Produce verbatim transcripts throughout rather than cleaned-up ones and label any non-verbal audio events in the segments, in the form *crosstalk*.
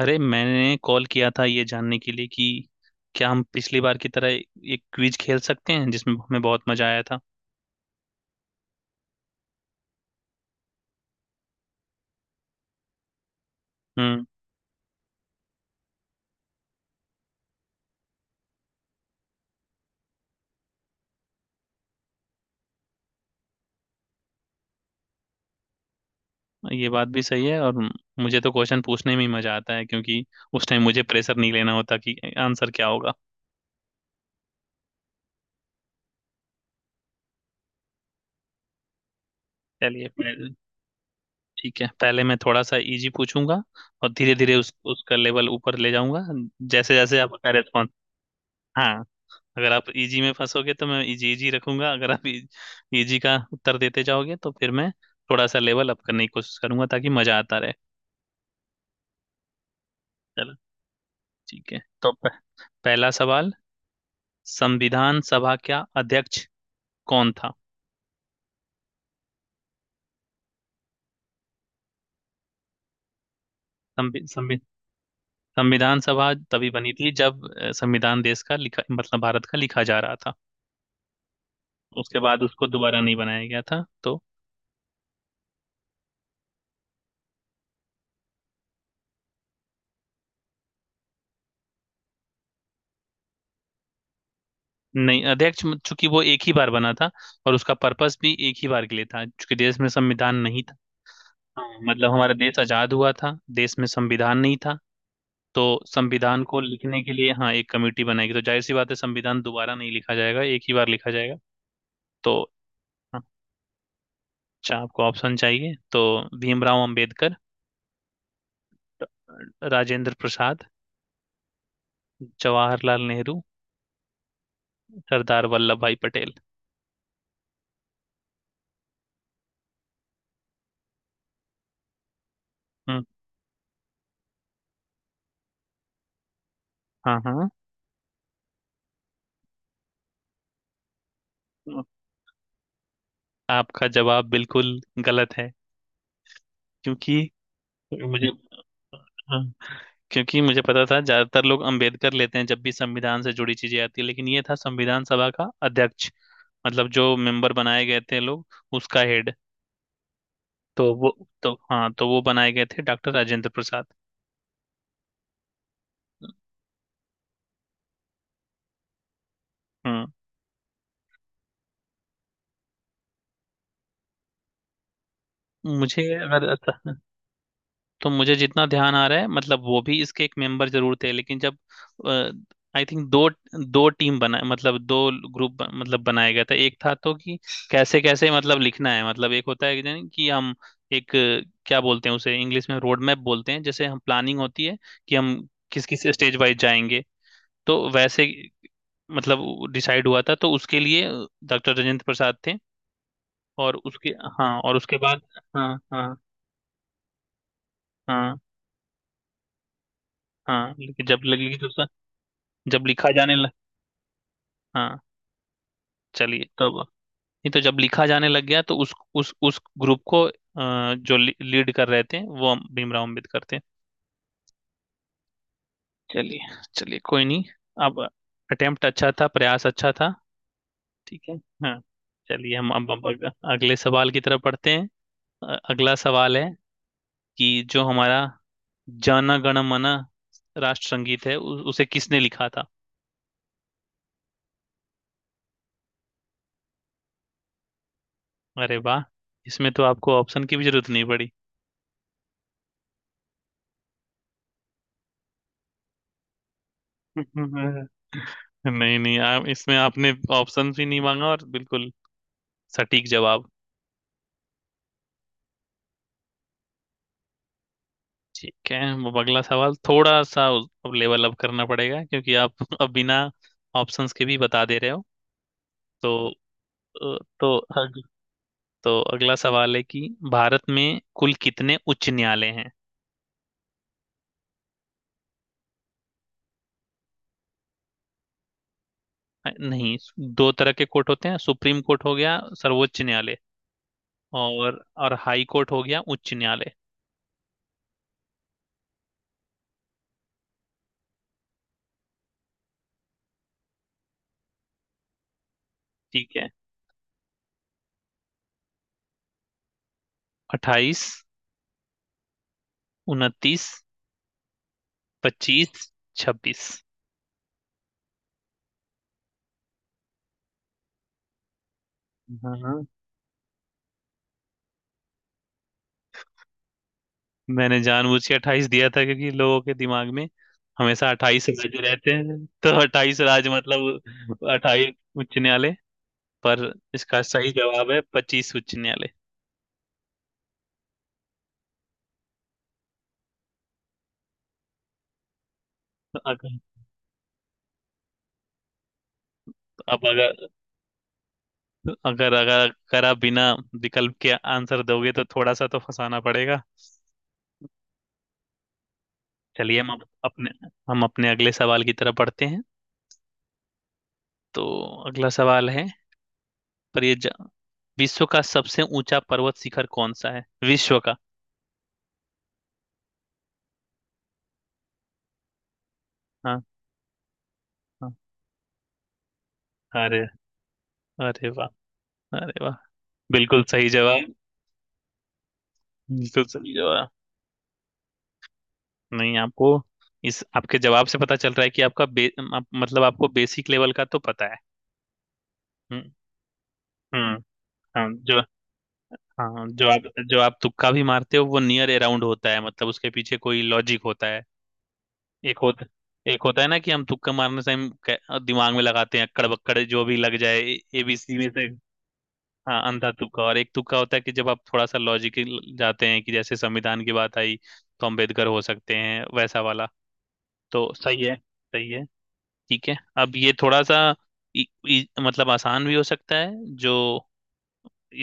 अरे मैंने कॉल किया था ये जानने के लिए कि क्या हम पिछली बार की तरह एक क्विज खेल सकते हैं जिसमें हमें बहुत मजा आया था। हम्म। ये बात भी सही है। और मुझे तो क्वेश्चन पूछने में ही मजा आता है, क्योंकि उस टाइम मुझे प्रेशर नहीं लेना होता कि आंसर क्या होगा। चलिए पहले। ठीक है, पहले मैं थोड़ा सा इजी पूछूंगा, और धीरे धीरे उस उसका लेवल ऊपर ले जाऊंगा, जैसे जैसे आपका रेस्पॉन्स। हाँ। अगर आप इजी में फंसोगे तो मैं इजी इजी रखूंगा, अगर आप इजी का उत्तर देते जाओगे तो फिर मैं थोड़ा सा लेवल अप करने की कोशिश करूंगा ताकि मजा आता रहे। चलो। ठीक है, तो प- पहला सवाल। संविधान सभा का अध्यक्ष कौन था? संवि, संवि, संविधान सभा तभी बनी थी जब अ, संविधान देश का लिखा, मतलब भारत का लिखा जा रहा था। उसके बाद उसको दोबारा नहीं बनाया गया था, तो नहीं, अध्यक्ष म- चूंकि वो एक ही बार बना था, और उसका पर्पस भी एक ही बार के लिए था, चूंकि देश में संविधान नहीं। हाँ, मतलब हमारा देश आजाद हुआ था, देश में संविधान नहीं था। तो संविधान को लिखने के लिए, हाँ, एक कमेटी बनाएगी, तो जाहिर सी बात है संविधान दोबारा नहीं लिखा जाएगा, एक ही बार लिखा जाएगा। तो अच्छा, आपको ऑप्शन चाहिए तो — भीमराव अंबेडकर, राजेंद्र प्रसाद, जवाहरलाल नेहरू, सरदार वल्लभ भाई पटेल। हम्म। हाँ, हाँ। आपका जवाब बिल्कुल गलत है, क्योंकि मुझे — हाँ, क्योंकि मुझे पता था ज्यादातर लोग अंबेडकर लेते हैं जब भी संविधान से जुड़ी चीजें आती है, लेकिन ये था संविधान सभा का अध्यक्ष, मतलब जो मेंबर बनाए गए थे लोग, उसका हेड। तो वो — तो हाँ, तो वो बनाए गए थे डॉक्टर राजेंद्र प्रसाद। हम्म। मुझे अगर — तो मुझे जितना ध्यान आ रहा है, मतलब वो भी इसके एक मेंबर जरूर थे, लेकिन जब — आई थिंक दो दो टीम बना, मतलब दो ग्रुप मतलब बनाया गया था। एक था तो कि कैसे कैसे मतलब लिखना है, मतलब एक होता है कि नहीं कि हम एक, अ, क्या बोलते हैं उसे, इंग्लिश में रोड मैप बोलते हैं, जैसे हम प्लानिंग होती है कि हम किस किस स्टेज वाइज जाएंगे। तो वैसे मतलब डिसाइड हुआ था, तो उसके लिए डॉक्टर राजेंद्र प्रसाद थे, और उसके — हाँ, और उसके बाद। हाँ, हाँ। हाँ, हाँ। लेकिन जब लगी जब लिखा जाने लग — हाँ। चलिए तब। नहीं, तो जब लिखा जाने लग गया तो उस उस उस ग्रुप को, अ, जो लीड कर रहे थे, वो हम भीमराव अम्बेडकर थे। चलिए, चलिए, कोई नहीं। अब अटेम्प्ट अच्छा था, प्रयास अच्छा था। ठीक है। हाँ। चलिए, हम अब अब अग- अगले सवाल की तरफ बढ़ते हैं। अ- अगला सवाल है कि जो हमारा जन गण मन राष्ट्र संगीत है, उ, उसे किसने लिखा था? अरे वाह। इसमें तो आपको ऑप्शन की भी जरूरत नहीं पड़ी। *laughs* नहीं, नहीं, आ, इसमें आपने ऑप्शन भी नहीं मांगा और बिल्कुल सटीक जवाब। ठीक है, अब अगला सवाल थोड़ा सा — उस- अब लेवल अप करना पड़ेगा, क्योंकि आप *laughs* अब बिना ऑप्शंस के भी बता दे रहे हो। तो अ, तो अग, तो अगला सवाल है कि भारत में कुल कितने उच्च न्यायालय हैं? अ, नहीं, दो तरह के कोर्ट होते हैं — सुप्रीम कोर्ट हो गया सर्वोच्च न्यायालय, और और हाई कोर्ट हो गया उच्च न्यायालय। ठीक है। अट्ठाईस, उनतीस, पच्चीस, छब्बीस। मैंने जानबूझ के अट्ठाईस दिया था, क्योंकि लोगों के दिमाग में हमेशा अट्ठाईस *laughs* राज्य रहते हैं, तो अट्ठाईस राज्य मतलब अट्ठाईस उच्च न्यायालय। पर इसका सही जवाब है पच्चीस उच्च न्यायालय। अगर अब अगर अगर अगर अगर आप बिना विकल्प के आंसर दोगे तो थोड़ा सा तो फंसाना पड़ेगा। चलिए, हम अप- अपने हम अपने अगले सवाल की तरफ बढ़ते हैं। तो अगला सवाल है, पर ये जा- विश्व का सबसे ऊंचा पर्वत शिखर कौन सा है, विश्व का? हाँ। हाँ अरे अरे वाह अरे वाह बिल्कुल सही जवाब बिल्कुल सही जवाब नहीं आपको इस आपके जवाब से पता चल रहा है कि आपका बे, आप, मतलब आपको बेसिक लेवल का तो पता है हम्म हम्म हाँ जो हाँ जो आप जो आप तुक्का भी मारते हो वो नियर अराउंड होता है मतलब उसके पीछे कोई लॉजिक होता है एक होता एक होता है ना कि हम तुक्का मारने से हम कै- दिमाग में लगाते हैं अक्कड़ बक्कड़ जो भी लग जाए एबीसी में से हाँ अंधा तुक्का और एक तुक्का होता है कि जब आप थोड़ा सा लॉजिक जाते हैं कि जैसे संविधान की बात आई तो अम्बेडकर हो सकते हैं वैसा वाला तो सही है सही है ठीक है अब ये थोड़ा सा इ, इ, मतलब आसान भी हो सकता है जो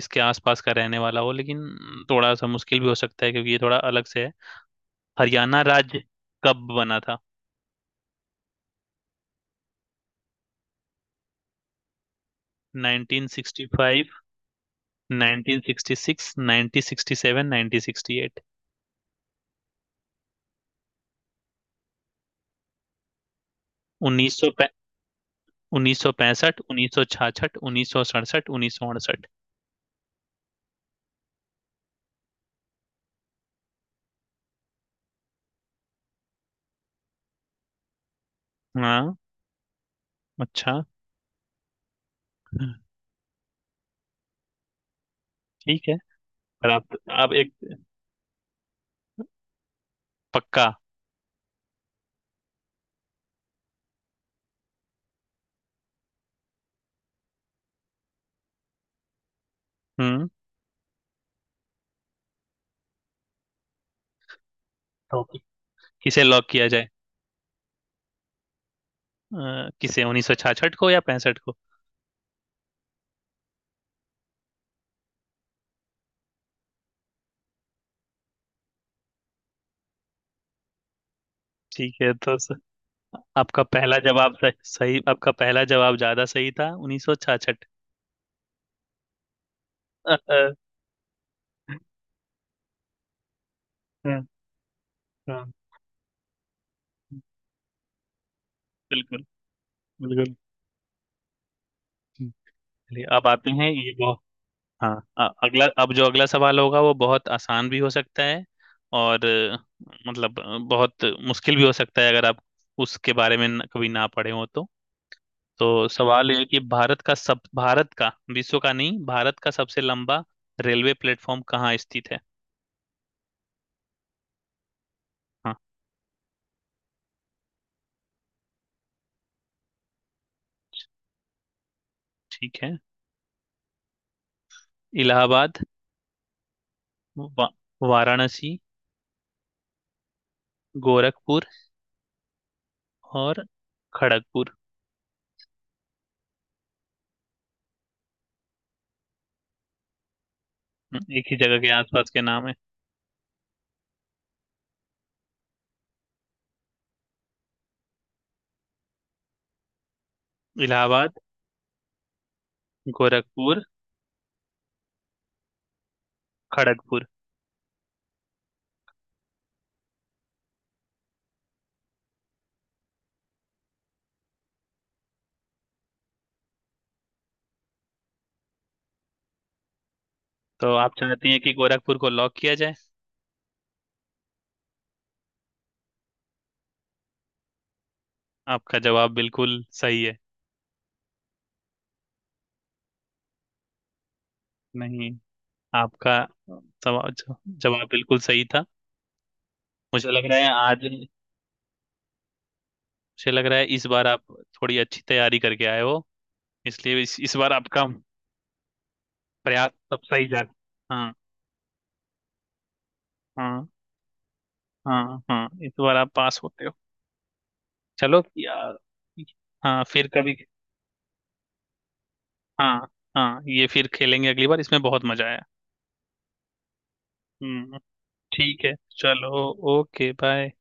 इसके आसपास का रहने वाला हो लेकिन थोड़ा सा मुश्किल भी हो सकता है क्योंकि ये थोड़ा अलग से है हरियाणा राज्य कब बना था उन्नीस सौ पैंसठ उन्नीस सौ छाछठ उन्नीस सौ सड़सठ उन्नीस सौ अड़सठ उन्नीस सौ उन्नीस सौ पैंसठ उन्नीस सौ छाछठ उन्नीस सौ सड़सठ उन्नीस सौ अड़सठ हाँ अच्छा ठीक है पर आप आप एक पक्का हम्म टॉपिक किसे लॉक किया जाए अ, किसे उन्नीस सौ छाछठ को या पैंसठ को ठीक है तो स, आपका पहला जवाब सही, सही आपका पहला जवाब ज्यादा सही था उन्नीस सौ छाछठ बिल्कुल बिल्कुल चलिए अब आते हैं ये बहुत हाँ अ- अगला अब जो अगला सवाल होगा वो बहुत आसान भी हो सकता है और अ, मतलब अ, बहुत मुश्किल भी हो सकता है अगर आप उसके बारे में न- कभी ना पढ़े हो तो तो सवाल यह है कि भारत का सब भारत का विश्व का नहीं भारत का सबसे लंबा रेलवे प्लेटफॉर्म कहाँ स्थित है हाँ ठीक है। इलाहाबाद, वा, वाराणसी, गोरखपुर, और खड़गपुर। हम्म, एक ही जगह के आसपास के नाम है। इलाहाबाद, गोरखपुर, खड़गपुर। तो आप चाहती हैं कि गोरखपुर को लॉक किया जाए? आपका जवाब बिल्कुल सही है। नहीं, आपका सवाल जवाब बिल्कुल सही था। मुझे लग रहा है आज — मुझे लग रहा है इस बार आप थोड़ी अच्छी तैयारी करके आए हो, इसलिए इस, इस बार आपका प्रयास सब सही जा — हाँ, हाँ। हाँ, हाँ, इस बार आप पास होते हो। चलो यार। हाँ, फिर कभी। हाँ, हाँ, ये फिर खेलेंगे अगली बार। इसमें बहुत मजा आया। हम्म। ठीक है। चलो। Okay, bye.